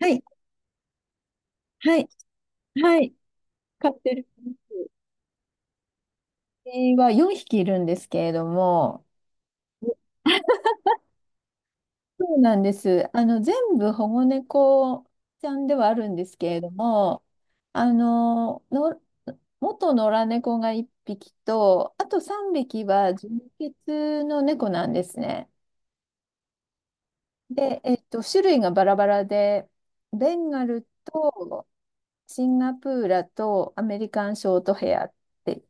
はい、はい、はい。飼ってる犬は4匹いるんですけれども、そうなんです。全部保護猫ちゃんではあるんですけれども、あの、の、元野良猫が1匹と、あと3匹は純血の猫なんですね。で、種類がバラバラで、ベンガルとシンガプーラとアメリカンショートヘアって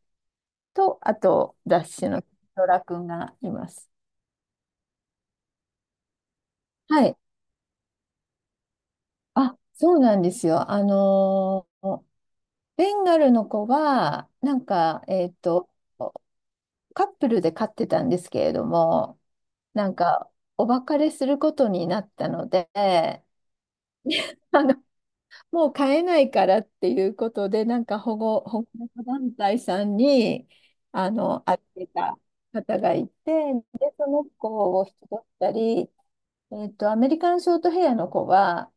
と、あと、ダッシュのトラくんがいます。はい。あ、そうなんですよ。ベンガルの子は、カップルで飼ってたんですけれども、なんか、お別れすることになったので、あの、もう飼えないからっていうことで、保護猫団体さんに、預けた方がいて、で、その子を引き取ったり、アメリカンショートヘアの子は、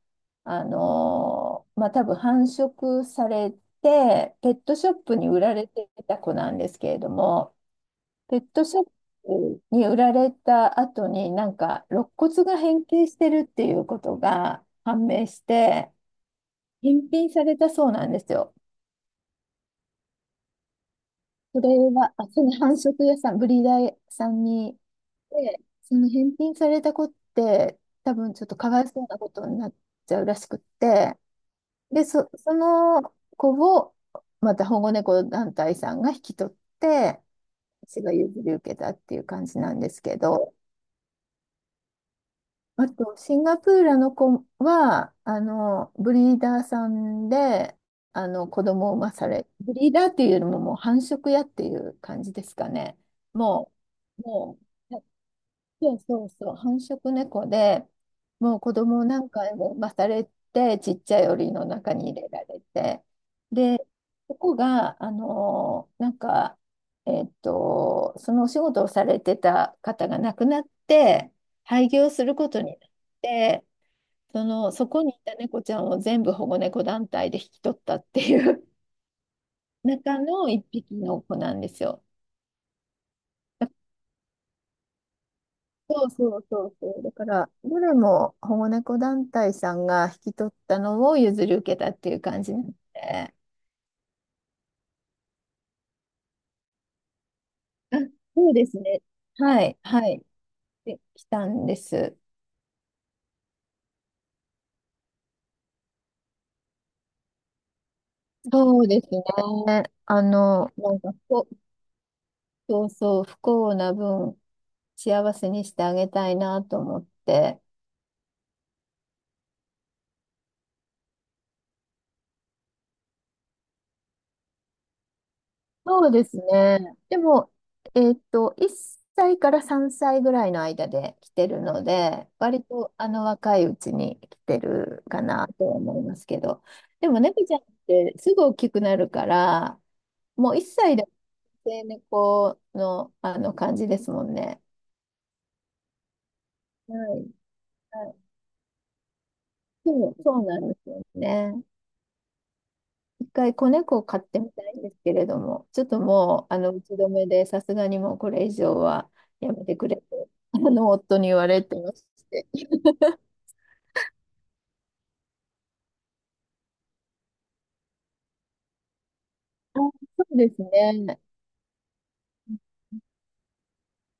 まあ、多分繁殖されて、ペットショップに売られてた子なんですけれども、ペットショップに売られた後に、肋骨が変形してるっていうことが判明して、返品されたそうなんですよ。それは、あ、その繁殖屋さん、ブリーダーさんに、で、その返品された子って、多分ちょっとかわいそうなことになっちゃうらしくって、で、その子を、また保護猫団体さんが引き取って、私が譲り受けたっていう感じなんですけど、あと、シンガプールの子は、ブリーダーさんで、子供を産まされ、ブリーダーっていうよりももう繁殖屋っていう感じですかね。ももう、そうそうそう、繁殖猫で、もう子供を何回も産まされて、ちっちゃい檻の中に入れられて、で、ここが、そのお仕事をされてた方が亡くなって、廃業することになって、そこにいた猫ちゃんを全部保護猫団体で引き取ったっていう 中の一匹の子なんですよ。そうそうそうそう。だから、どれも保護猫団体さんが引き取ったのを譲り受けたっていう感じなので。あ、そうですね。はい、はい。で、来たんです。そうですね。あの、なんかこう、そうそう、不幸な分、幸せにしてあげたいなと思って、そうですね。でも、1歳から3歳ぐらいの間で来てるので、割と若いうちに来てるかなとは思いますけど、でも猫ちゃんってすぐ大きくなるから、もう1歳で成猫の、あの感じですもんね。はい。はい。そうなんですよね。一回子猫を飼ってみたいんですけれども、ちょっともう、打ち止めで、さすがにもうこれ以上はやめてくれと、夫に言われてまして。あ、そうですね。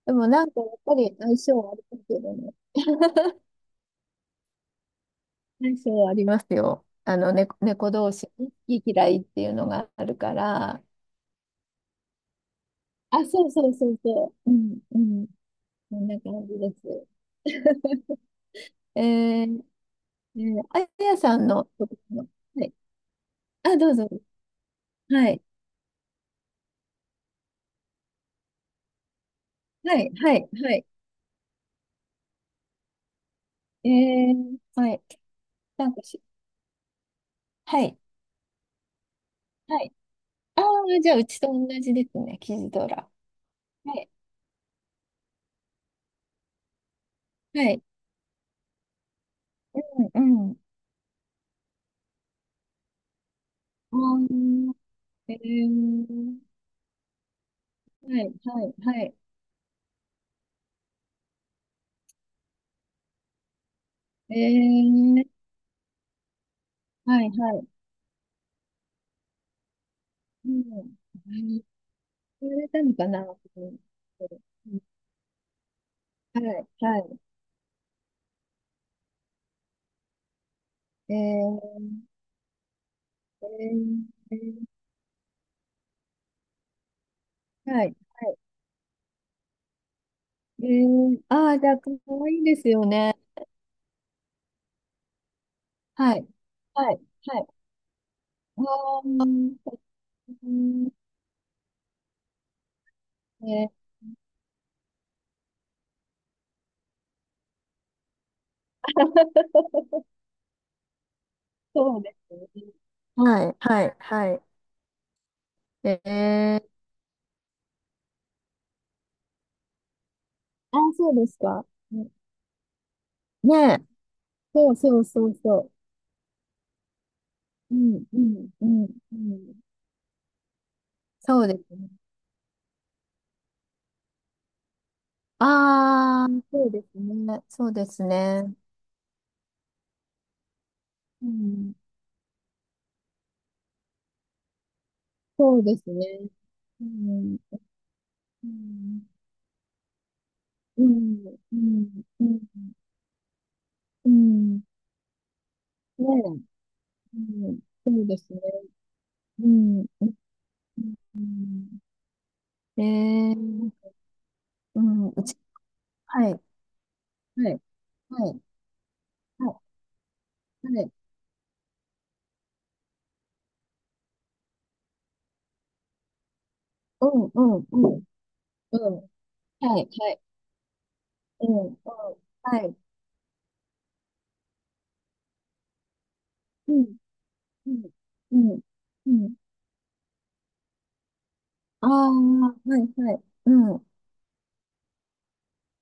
でもやっぱり相性はあるけどもね。相性はありますよ。猫同士ね、好き嫌いっていうのがあるから。あ、そうそうそうそう。うん、うん。そんな感じです。えー、あやさんのところの、はい。あ、どうぞ。はい。はい、はい、はい。えはい。なんかし、はい、はい。ああ、じゃあ、うちと同じですね、キジドラ。はい、はい。うん、うん。ああ、えー、はい、はい、はい。えー、はい、はい。うん。何言われたのかな、うん、はい、はい。えー、えー、はい、はい。ああ、じゃあ、かわいいですよね。はい、はい、はい。ああ、うん、ね。そうですね。はい、はい、はい。えー、あ、そうですか。ねねえ、そうそうそうそう。うん、うん、うん、うん。そうですね。ああ、そうですね。そうですね。うん、そうですね。うん、うん、うん、うん、うん、うん、ねえ、うん、そうですね。うん、うん、うん、えー、うん、はい。はい。はい。はい。はい。うん、うん、うん。うん。はい。はい。うん、うん。はい。うん。うん。うん。うん。ああ、はい、はい。うん。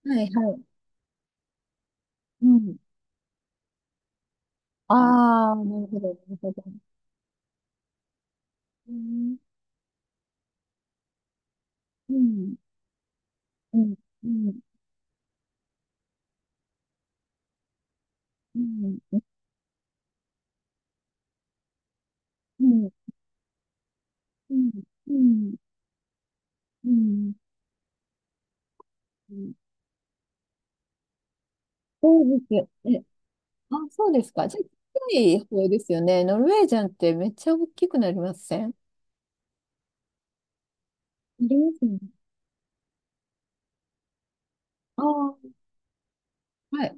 はい、はい。うん。ああ、なるほど、なるほど。うん。うん。うん。うん。うん。うん。うん。うん。うん。そうですよ。え、あ、そうですか。じゃあ、近い方ですよね。ノルウェージャンってめっちゃ大きくなりません？なりますね。ああ、はい。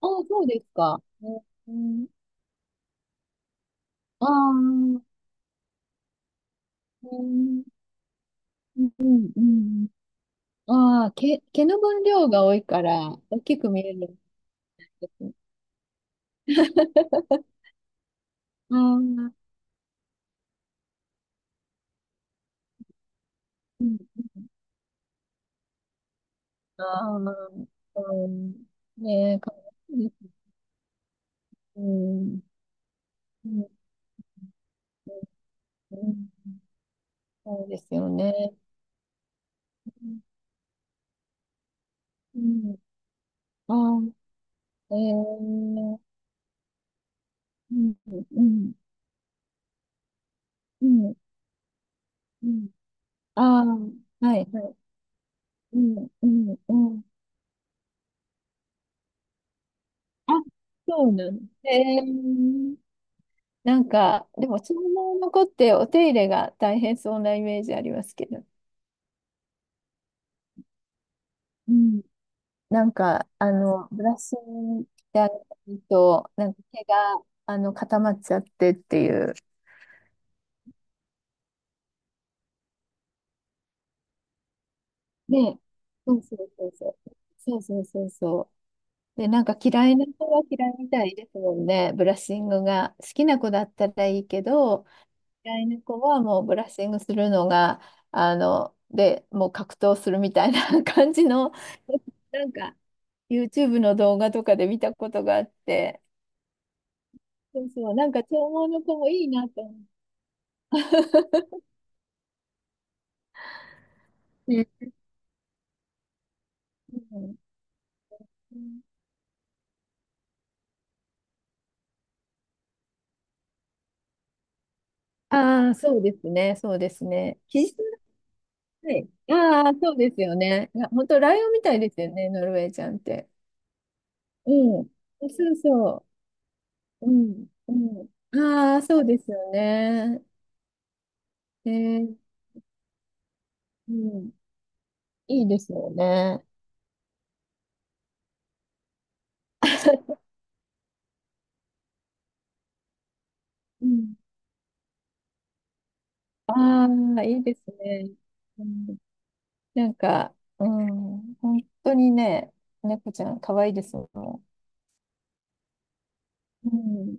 ああ、そうですか。うん、ああ、うん、うん、うん、うん、ああ、毛の分量が多いから、大きく見えるんですね。ああ、うん。ああ、うん。ねえ、かわいいです。うん、うん、うん。そうですよね。うん。ああ、ええ、うん、うん、うん、うん。ああ、はい、はい。うん、うん、うん。あ、そうなの。えー、でも、そのまま残ってお手入れが大変そうなイメージありますけど。うん。ブラッシングであったりと、毛が、固まっちゃってっていう。ね。そうそうそうそう。そうそうそうそう。で、嫌いな子は嫌いみたいですもんね。ブラッシングが。好きな子だったらいいけど、飼い猫はもうブラッシングするのが、で、もう格闘するみたいな 感じの、なんか YouTube の動画とかで見たことがあって、そうそう、長毛の子もいいなと思う ん。ああー、そうですね、そうですね。キジさん、はい。ああ、そうですよね。いや、本当ライオンみたいですよね、ノルウェーちゃんって。うん。そうそう。うん。うん。ああ、そうですよね。えー、うん。いいですよね。うん。ああ、いいですね。うん、なんか、うん、本当にね、猫ちゃん可愛いですもん。うん。